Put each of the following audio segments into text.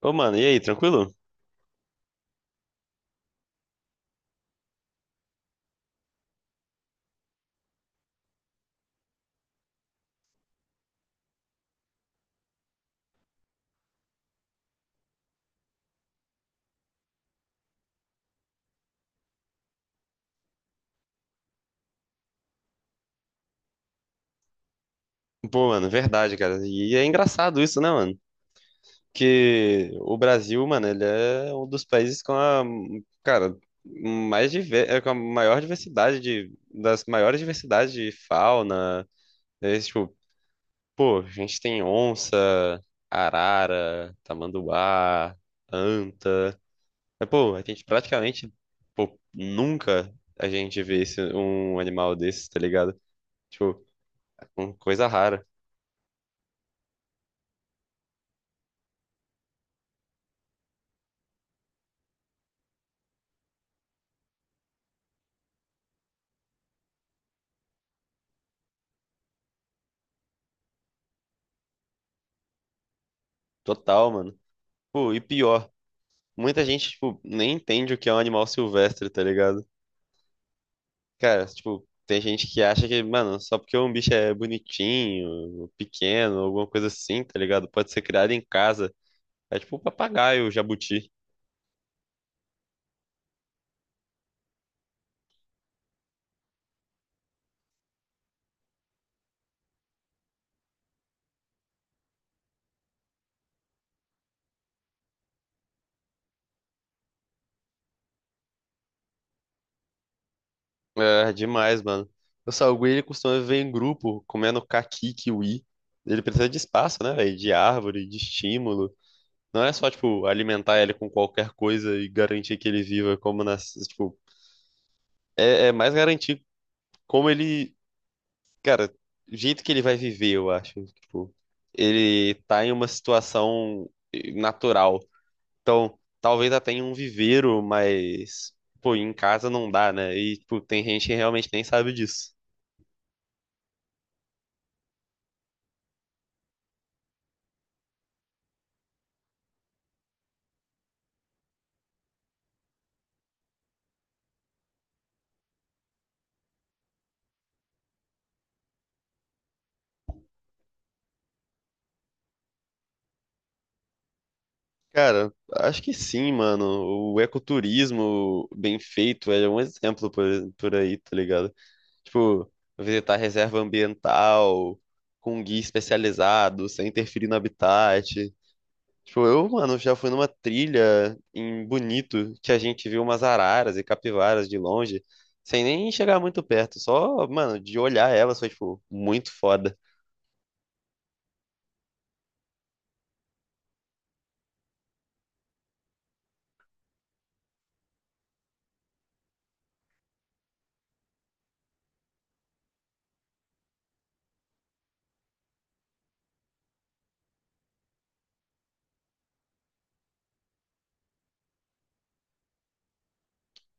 Ô, mano, e aí, tranquilo? Pô, mano, verdade, cara. E é engraçado isso, né, mano? Que o Brasil, mano, ele é um dos países com a, cara, com a maior das maiores diversidades de fauna. É, tipo, pô, a gente tem onça, arara, tamanduá, anta. Mas, pô, a gente praticamente, pô, nunca a gente vê um animal desses, tá ligado? Tipo, uma coisa rara. Total, mano. Pô, e pior, muita gente, tipo, nem entende o que é um animal silvestre, tá ligado? Cara, tipo, tem gente que acha que, mano, só porque um bicho é bonitinho, pequeno, alguma coisa assim, tá ligado? Pode ser criado em casa. É tipo um papagaio, o jabuti. É, demais, mano. O salgueiro, ele costuma viver em grupo, comendo caqui, kiwi. Ele precisa de espaço, né, velho? De árvore, de estímulo. Não é só, tipo, alimentar ele com qualquer coisa e garantir que ele viva como nas, tipo, é mais garantir como ele. Cara, o jeito que ele vai viver, eu acho. Tipo, ele tá em uma situação natural. Então, talvez até em um viveiro, mas, pô, em casa não dá, né? E, tipo, tem gente que realmente nem sabe disso. Cara, acho que sim, mano. O ecoturismo bem feito é um exemplo por aí, tá ligado? Tipo, visitar reserva ambiental, com guia especializado, sem interferir no habitat. Tipo, eu, mano, já fui numa trilha em Bonito que a gente viu umas araras e capivaras de longe, sem nem chegar muito perto, só, mano, de olhar elas foi, tipo, muito foda.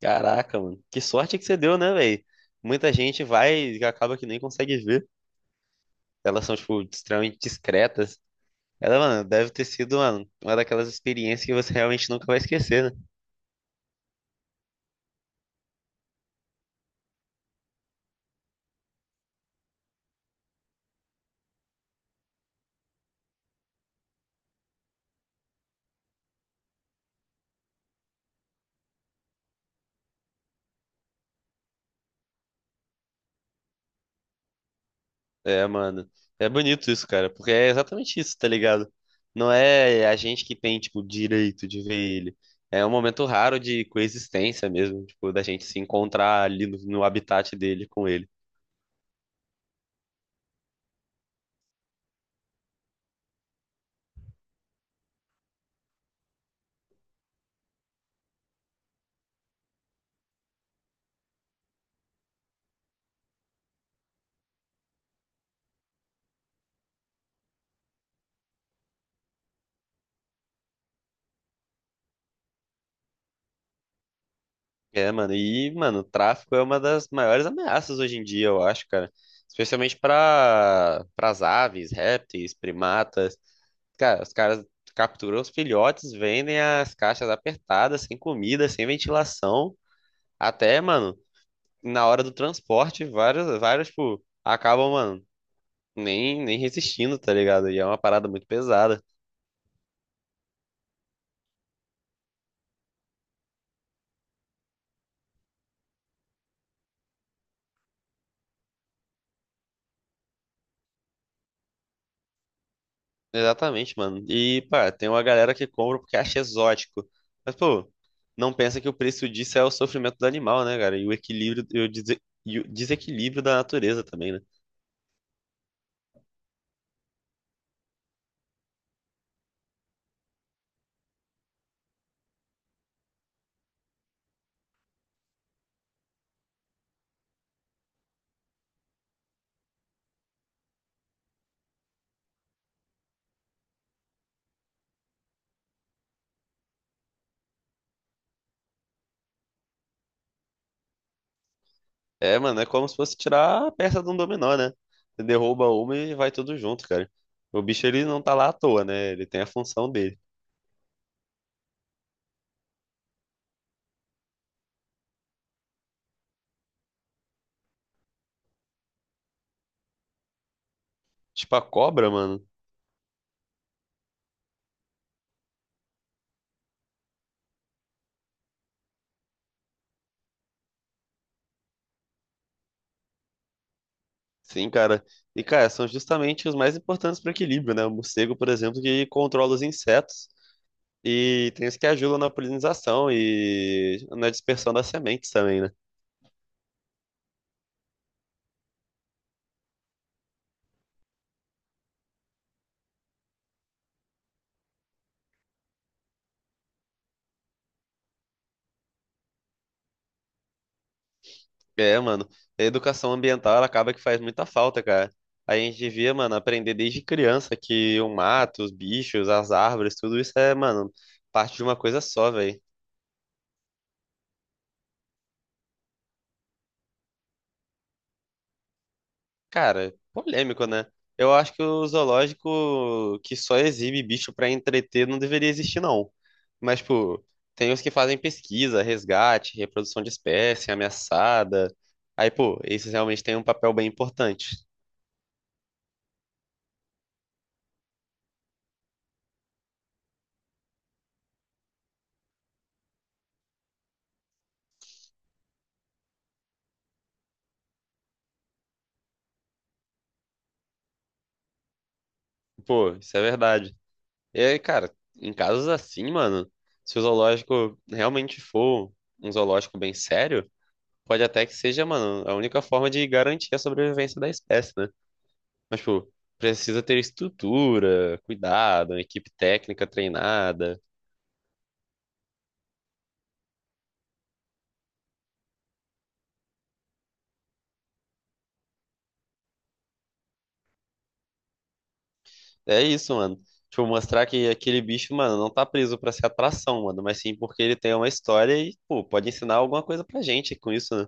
Caraca, mano, que sorte que você deu, né, velho? Muita gente vai e acaba que nem consegue ver. Elas são, tipo, extremamente discretas. Ela, mano, deve ter sido, mano, uma daquelas experiências que você realmente nunca vai esquecer, né? É, mano. É bonito isso, cara, porque é exatamente isso, tá ligado? Não é a gente que tem, tipo, direito de ver ele. É um momento raro de coexistência mesmo, tipo, da gente se encontrar ali no habitat dele com ele. É, mano, e, mano, o tráfico é uma das maiores ameaças hoje em dia, eu acho, cara. Especialmente para as aves, répteis, primatas. Cara, os caras capturam os filhotes, vendem as caixas apertadas, sem comida, sem ventilação. Até, mano, na hora do transporte, várias, várias, tipo, acabam, mano, nem resistindo, tá ligado? E é uma parada muito pesada. Exatamente, mano. E, pá, tem uma galera que compra porque acha exótico. Mas, pô, não pensa que o preço disso é o sofrimento do animal, né, cara? E o equilíbrio, e o desequilíbrio da natureza também, né? É, mano, é como se fosse tirar a peça de um dominó, né? Você derruba uma e vai tudo junto, cara. O bicho, ele não tá lá à toa, né? Ele tem a função dele. Tipo, a cobra, mano. Sim, cara. E, cara, são justamente os mais importantes para o equilíbrio, né? O morcego, por exemplo, que controla os insetos e tem os que ajudam na polinização e na dispersão das sementes também, né? É, mano. A educação ambiental, ela acaba que faz muita falta, cara. A gente devia, mano, aprender desde criança que o mato, os bichos, as árvores, tudo isso é, mano, parte de uma coisa só, velho. Cara, polêmico, né? Eu acho que o zoológico que só exibe bicho pra entreter não deveria existir, não. Mas, tipo, tem os que fazem pesquisa, resgate, reprodução de espécie ameaçada. Aí, pô, esses realmente têm um papel bem importante. Pô, isso é verdade. E aí, cara, em casos assim, mano, se o zoológico realmente for um zoológico bem sério, pode até que seja, mano, a única forma de garantir a sobrevivência da espécie, né? Mas, tipo, precisa ter estrutura, cuidado, uma equipe técnica treinada. É isso, mano. Tipo, mostrar que aquele bicho, mano, não tá preso pra ser atração, mano, mas sim porque ele tem uma história e, pô, pode ensinar alguma coisa pra gente com isso, né?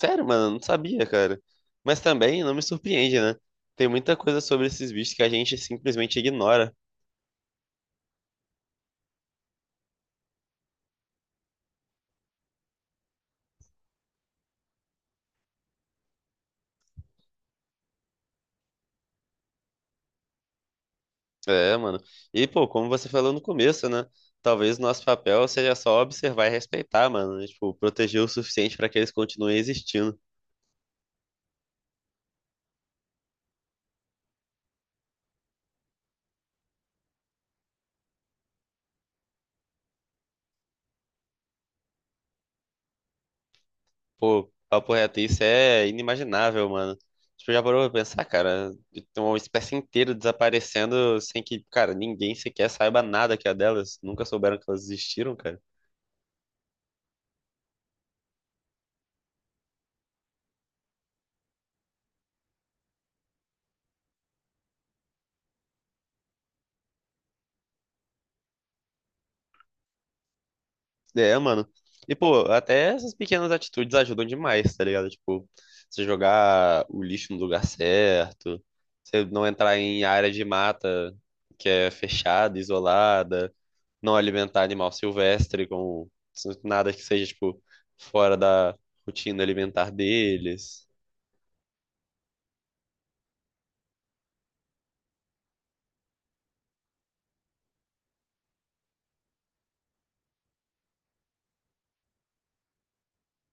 Sério, mano, eu não sabia, cara. Mas também não me surpreende, né? Tem muita coisa sobre esses bichos que a gente simplesmente ignora. É, mano. E, pô, como você falou no começo, né? Talvez nosso papel seja só observar e respeitar, mano, né? Tipo, proteger o suficiente pra que eles continuem existindo. Pô, papo reto, isso é inimaginável, mano. Tipo, já parou pra pensar, cara? Tem uma espécie inteira desaparecendo sem que, cara, ninguém sequer saiba nada que é delas. Nunca souberam que elas existiram, cara. É, mano. E, pô, até essas pequenas atitudes ajudam demais, tá ligado? Tipo, você jogar o lixo no lugar certo, você não entrar em área de mata que é fechada, isolada. Não alimentar animal silvestre com nada que seja, tipo, fora da rotina alimentar deles.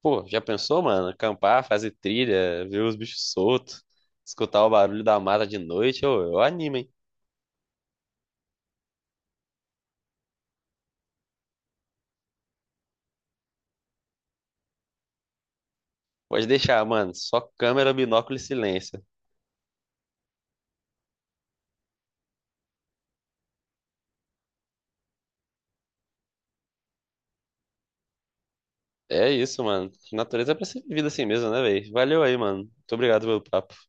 Pô, já pensou, mano? Acampar, fazer trilha, ver os bichos soltos, escutar o barulho da mata de noite, eu animo, hein? Pode deixar, mano. Só câmera, binóculo e silêncio. É isso, mano. Natureza é pra ser vivida assim mesmo, né, velho? Valeu aí, mano. Muito obrigado pelo papo.